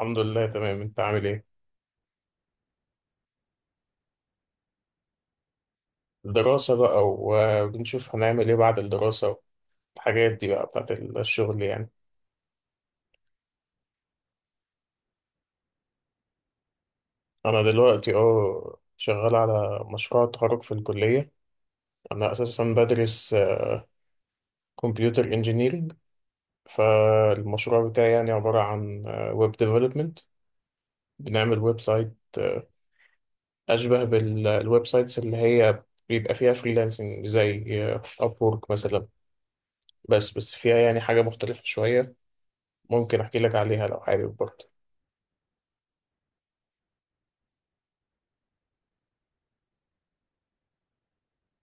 الحمد لله تمام، انت عامل ايه؟ الدراسة بقى، وبنشوف هنعمل ايه بعد الدراسة، والحاجات دي بقى بتاعت الشغل يعني. انا دلوقتي شغال على مشروع التخرج في الكلية. انا اساسا بدرس كمبيوتر انجينيرينج. فالمشروع بتاعي يعني عبارة عن ويب ديفلوبمنت. بنعمل ويب سايت اشبه بالويب سايتس اللي هي بيبقى فيها فريلانسنج زي ابورك مثلا، بس فيها يعني حاجة مختلفة شوية. ممكن احكي لك عليها لو حابب برضه؟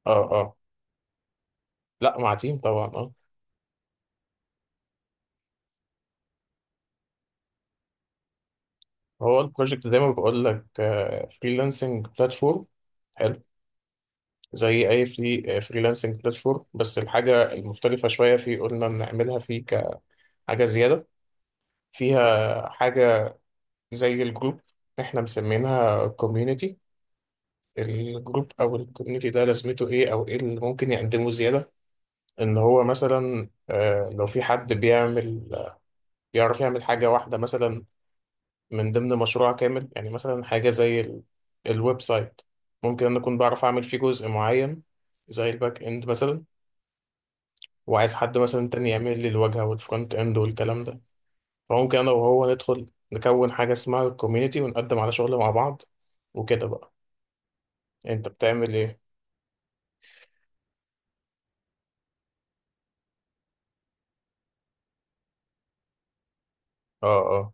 اه اه. لا، مع تيم طبعا، اه. هو البروجكت زي ما بقول لك فريلانسنج بلاتفورم. حلو. زي اي فريلانسنج بلاتفورم، بس الحاجه المختلفه شويه في قلنا بنعملها فيه كحاجه زياده، فيها حاجه زي الجروب، احنا مسمينها كوميونيتي. الجروب او الكوميونيتي ده لازمته ايه او ايه اللي ممكن يقدمه زياده؟ ان هو مثلا لو في حد بيعمل، بيعرف يعمل حاجه واحده مثلا من ضمن مشروع كامل. يعني مثلا حاجة زي الويب سايت، ممكن أنا أكون بعرف أعمل فيه جزء معين زي الباك إند مثلا، وعايز حد مثلا تاني يعمل لي الواجهة والفرونت إند والكلام ده. فممكن أنا وهو ندخل نكون حاجة اسمها الكوميونيتي، ونقدم على شغل مع بعض، وكده بقى. أنت بتعمل إيه؟ آه آه.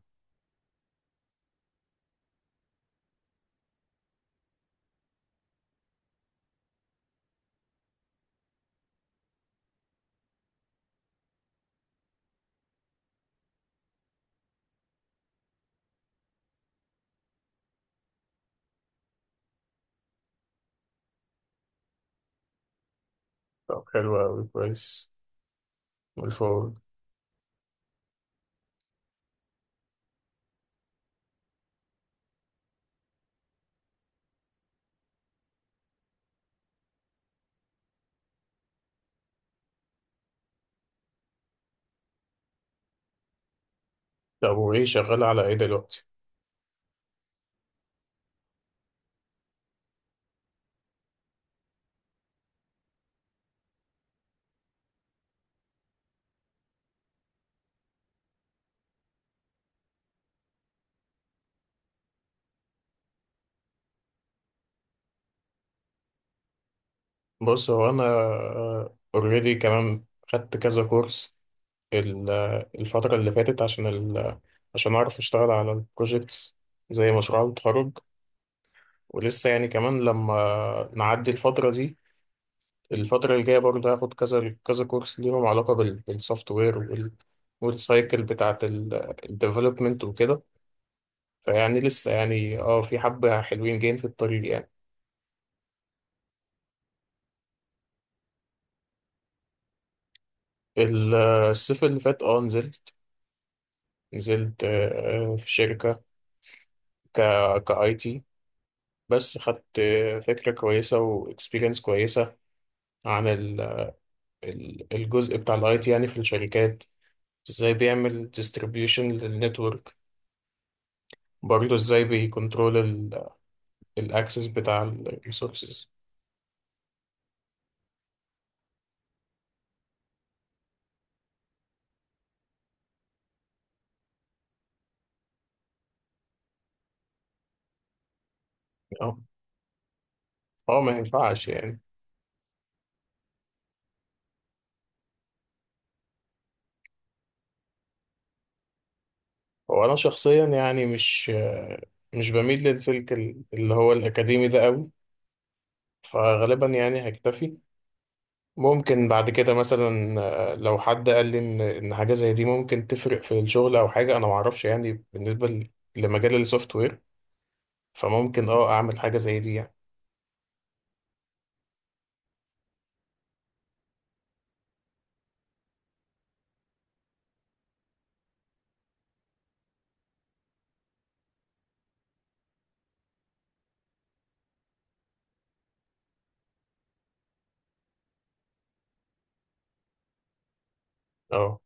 طب حلو أوي، كويس. والفول. طب وإيه شغال على إيه دلوقتي؟ بص، هو أنا أوريدي كمان خدت كذا كورس ال- الفترة اللي فاتت، عشان أعرف أشتغل على البروجيكتس زي مشروع التخرج. ولسه يعني كمان لما نعدي الفترة دي، الفترة الجاية برضه هاخد كذا كذا كورس ليهم علاقة بالسوفت وير والسايكل بتاعة الديفلوبمنت وكده. فيعني لسه يعني اه في حبة حلوين جايين في الطريق يعني. ال- الصيف اللي فات اه نزلت في شركة ك كاي تي. بس خدت فكرة كويسة واكسبيرينس كويسة عن الجزء بتاع الاي تي يعني في الشركات. ازاي بيعمل ديستريبيوشن للنتورك، برضه ازاي بيكنترول الاكسس بتاع الريسورسز. اه، ما ينفعش يعني. هو انا شخصيا يعني مش بميل للسلك اللي هو الاكاديمي ده قوي، فغالبا يعني هكتفي. ممكن بعد كده مثلا، لو حد قال لي ان حاجه زي دي ممكن تفرق في الشغل، او حاجه انا ما اعرفش يعني بالنسبه لمجال السوفت وير، فممكن اه اعمل حاجه زي دي يعني. اه،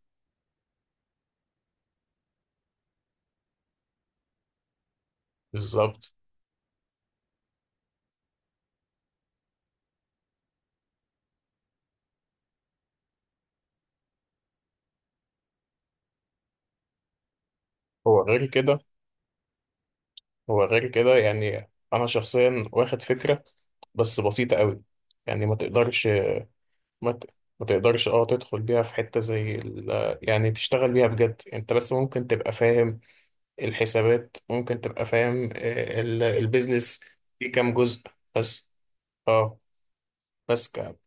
بالظبط. هو غير كده. هو غير كده يعني انا شخصيا واخد فكره بس بسيطه قوي. يعني ما تقدرش ما, ت... ما تقدرش اه تدخل بيها في حته زي يعني تشتغل بيها بجد انت، بس ممكن تبقى فاهم الحسابات، ممكن تبقى فاهم البيزنس في كام جزء، بس. اه. اه.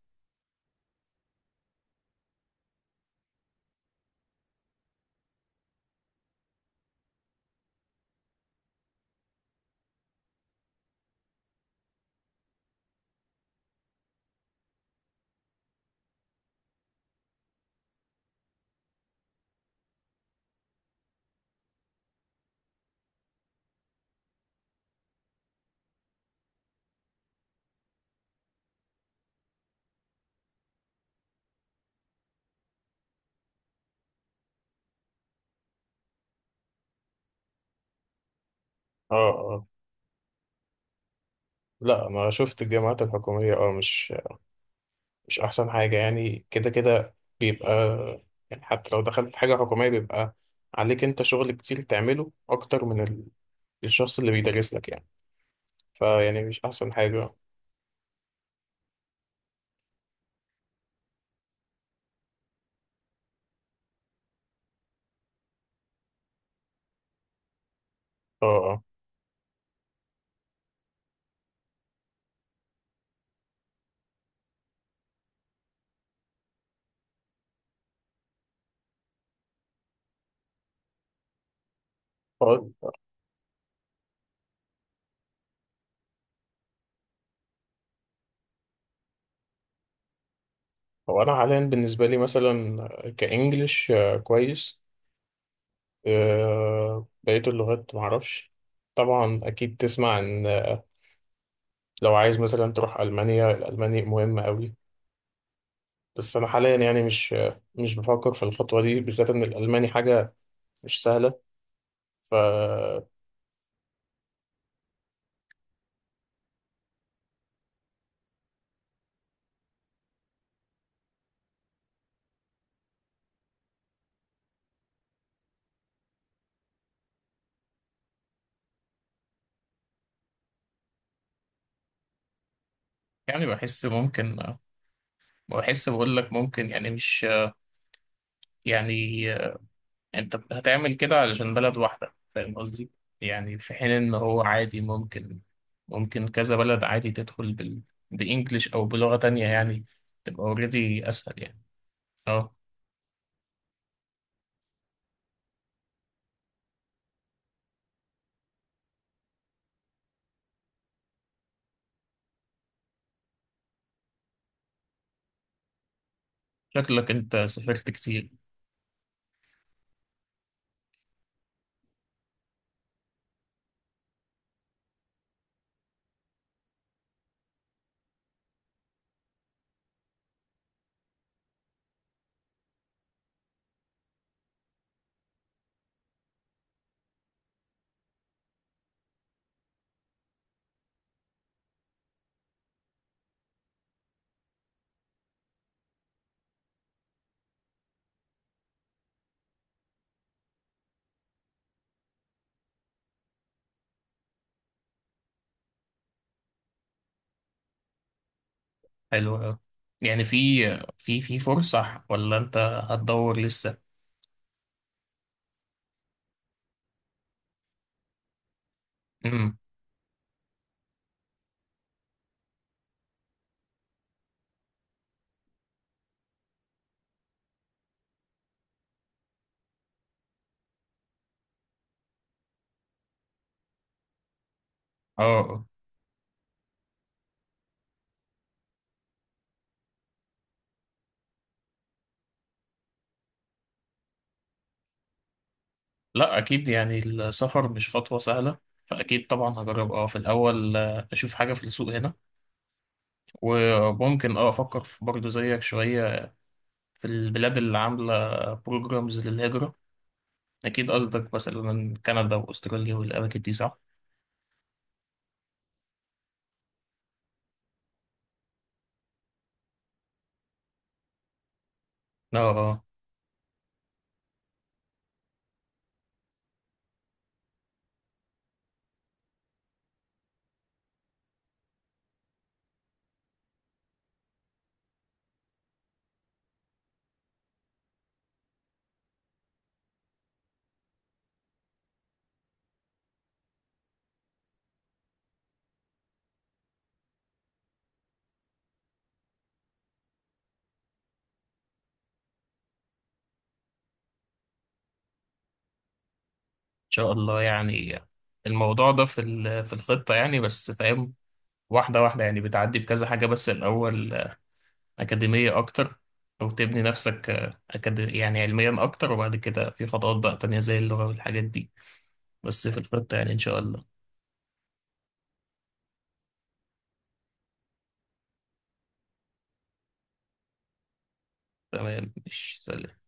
اه، لا انا شفت الجامعات الحكوميه اه مش احسن حاجه، يعني كده كده بيبقى، يعني حتى لو دخلت حاجه حكوميه بيبقى عليك انت شغل كتير تعمله اكتر من الشخص اللي بيدرس لك يعني. فيعني مش احسن حاجه، اه. اه. هو هو انا حاليا بالنسبه لي مثلا كانجليش كويس، بقيه اللغات معرفش. طبعا اكيد تسمع ان لو عايز مثلا تروح المانيا، الالماني مهم قوي. بس انا حاليا يعني مش بفكر في الخطوه دي بالذات، ان الالماني حاجه مش سهله. ف، يعني بحس ممكن. بحس بقول لك ممكن يعني مش، يعني انت هتعمل كده علشان بلد واحدة، فاهم قصدي؟ يعني في حين ان هو عادي ممكن، ممكن كذا بلد عادي تدخل بإنجلش او بلغة تانية يعني، تبقى اوريدي اسهل يعني. اه. شكلك انت سافرت كتير. حلو أوي. يعني في في فرصة ولا انت هتدور لسه؟ امم. اه آه. لا، اكيد يعني السفر مش خطوه سهله، فاكيد طبعا هجرب اه في الاول، اشوف حاجه في السوق هنا، وممكن اه افكر في برضه زيك شويه في البلاد اللي عامله بروجرامز للهجره. اكيد قصدك مثلا كندا واستراليا والاماكن دي، صح؟ اه آه، ان شاء الله يعني. الموضوع ده في في الخطه يعني، بس فاهم واحده واحده. يعني بتعدي بكذا حاجه، بس الاول أكاديمية أكتر، أو تبني نفسك يعني علميا أكتر، وبعد كده في خطوات بقى تانية زي اللغة والحاجات دي. بس في الخطة يعني إن شاء الله. تمام، مش سلام.